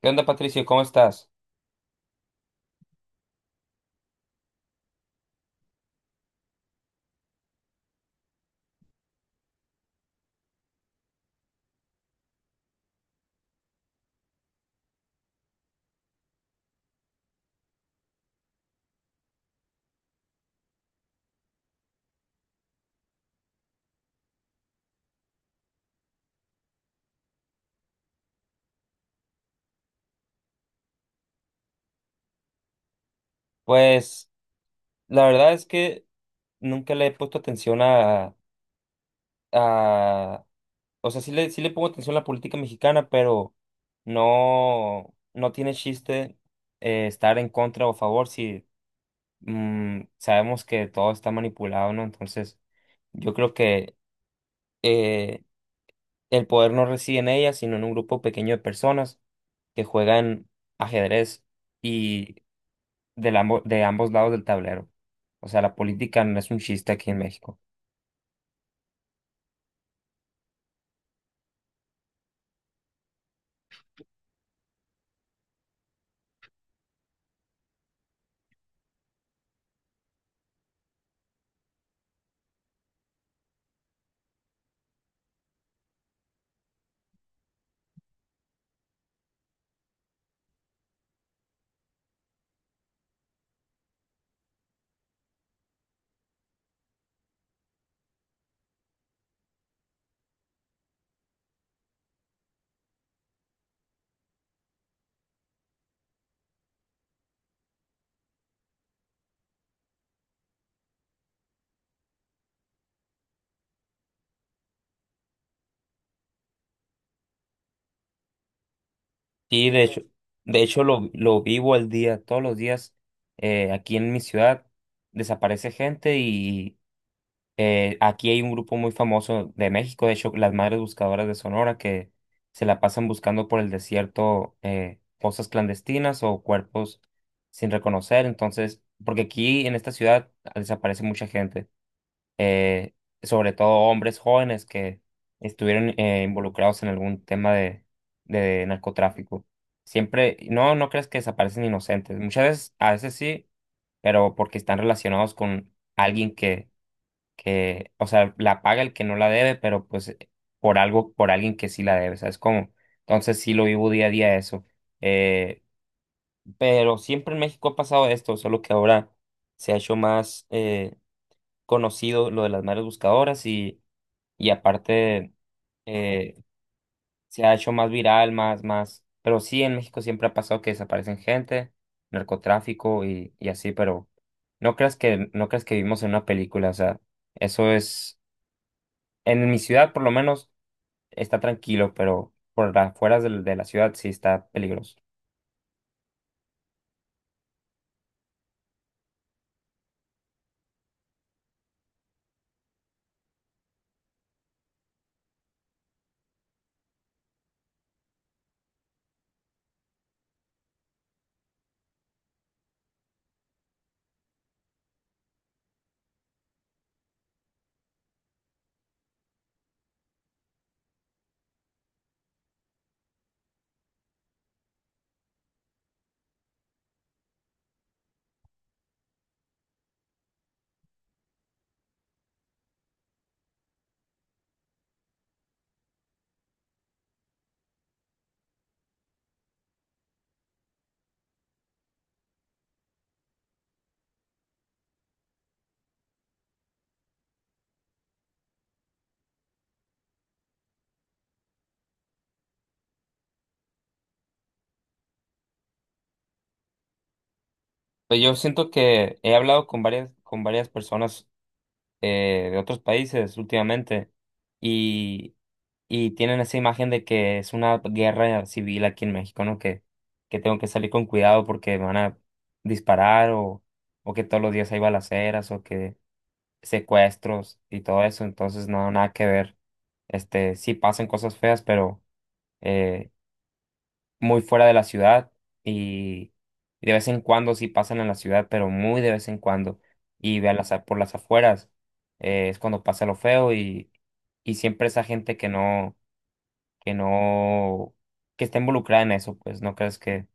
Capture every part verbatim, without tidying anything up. ¿Qué onda, Patricio? ¿Cómo estás? Pues la verdad es que nunca le he puesto atención a, a- o sea, sí le, sí le pongo atención a la política mexicana, pero no, no tiene chiste, eh, estar en contra o a favor. Si mm, sabemos que todo está manipulado, ¿no? Entonces, yo creo que eh, el poder no reside en ella, sino en un grupo pequeño de personas que juegan ajedrez del ambo- de ambos lados del tablero. O sea, la política no es un chiste aquí en México. Y de hecho, de hecho lo, lo vivo al día, todos los días, eh, aquí en mi ciudad desaparece gente. Y eh, aquí hay un grupo muy famoso de México, de hecho, las Madres Buscadoras de Sonora, que se la pasan buscando por el desierto eh, fosas clandestinas o cuerpos sin reconocer. Entonces, porque aquí en esta ciudad desaparece mucha gente. eh, Sobre todo hombres jóvenes que estuvieron eh, involucrados en algún tema de, de narcotráfico. Siempre, no, no crees que desaparecen inocentes. Muchas veces, a veces sí, pero porque están relacionados con alguien que, que, o sea, la paga el que no la debe, pero pues eh, por algo, por alguien que sí la debe, ¿sabes cómo? Entonces sí lo vivo día a día eso. Eh, pero siempre en México ha pasado esto, solo que ahora se ha hecho más eh, conocido lo de las madres buscadoras. Y y aparte eh, se ha hecho más viral, más, más, pero sí, en México siempre ha pasado que desaparecen gente, narcotráfico y, y así, pero no creas que, no creas que vivimos en una película. O sea, eso es, en mi ciudad por lo menos está tranquilo, pero por las afueras del- de la ciudad sí está peligroso. Pero yo siento que he hablado con varias, con varias personas eh, de otros países últimamente y, y tienen esa imagen de que es una guerra civil aquí en México, ¿no? Que, que tengo que salir con cuidado porque me van a disparar, o, o que todos los días hay balaceras o que secuestros y todo eso. Entonces no, nada que ver. Este, sí pasan cosas feas, pero eh, muy fuera de la ciudad. Y de vez en cuando sí pasan en la ciudad, pero muy de vez en cuando. Y vean las, a- por las afueras eh, es cuando pasa lo feo. Y, y siempre esa gente que no, que no, que está involucrada en eso, pues no crees que,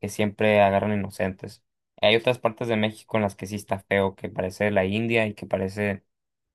que siempre agarran inocentes. Hay otras partes de México en las que sí está feo, que parece la India y que parece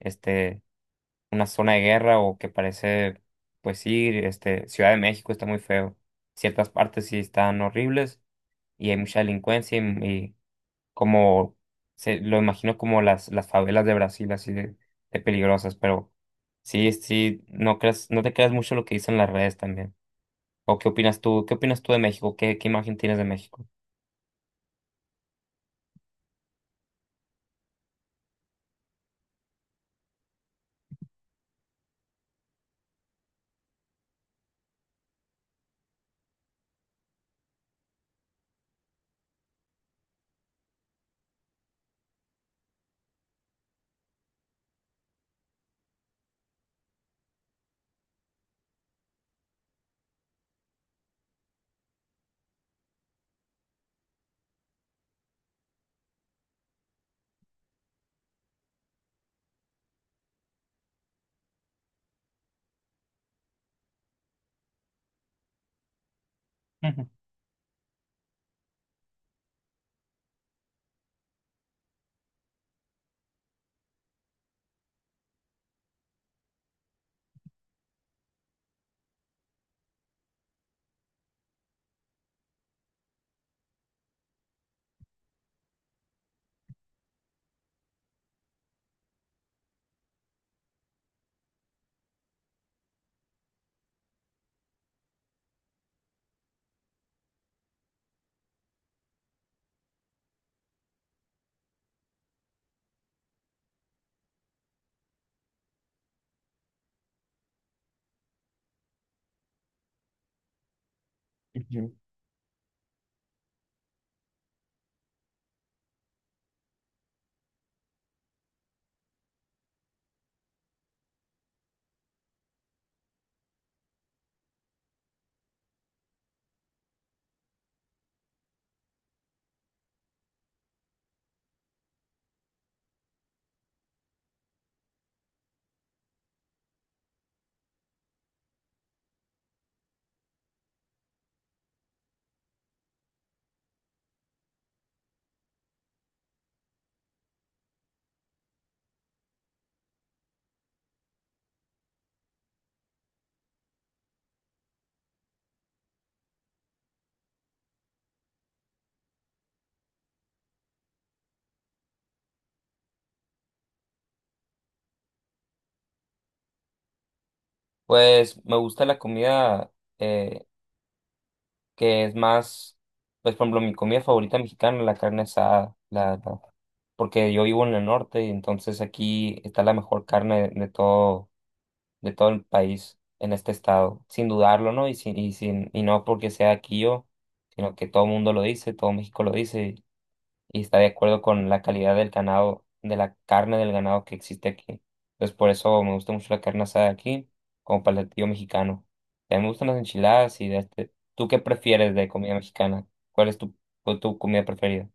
este, una zona de guerra, o que parece, pues sí, este, Ciudad de México está muy feo, ciertas partes sí están horribles y hay mucha delincuencia. Y, y como se lo imagino como las, las favelas de Brasil, así de, de peligrosas. Pero sí, sí, no creas, no te creas mucho lo que dicen las redes también. ¿O qué opinas tú? ¿Qué opinas tú de México? ¿Qué, qué imagen tienes de México? Ujú. Ujú. Pues me gusta la comida, eh, que es más, pues por ejemplo, mi comida favorita mexicana, la carne asada, la, la- porque yo vivo en el norte y entonces aquí está la mejor carne de, todo de todo el país en este estado, sin dudarlo, ¿no? Y, sin, y, sin, y no porque sea aquí yo, sino que todo el mundo lo dice, todo México lo dice y, y está de acuerdo con la calidad del ganado, de la carne del ganado que existe aquí. Entonces por eso me gusta mucho la carne asada aquí, como platillo mexicano. También me gustan las enchiladas y de este. ¿Tú qué prefieres de comida mexicana? ¿Cuál es tu, tu comida preferida?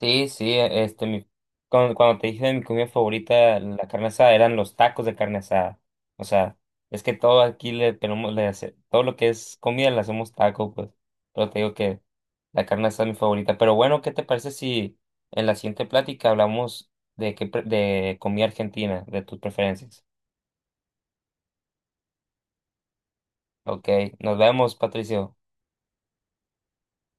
Sí, sí, e, este, mi, cuando, cuando te dije de mi comida favorita, la carne asada, eran los tacos de carne asada. O sea, es que todo aquí le tenemos, le hace- todo lo que es comida le hacemos taco, pues. Pero te digo que la carne asada es mi favorita. Pero bueno, ¿qué te parece si en la siguiente plática hablamos de qué pre- de comida argentina, de tus preferencias? Ok, nos vemos, Patricio.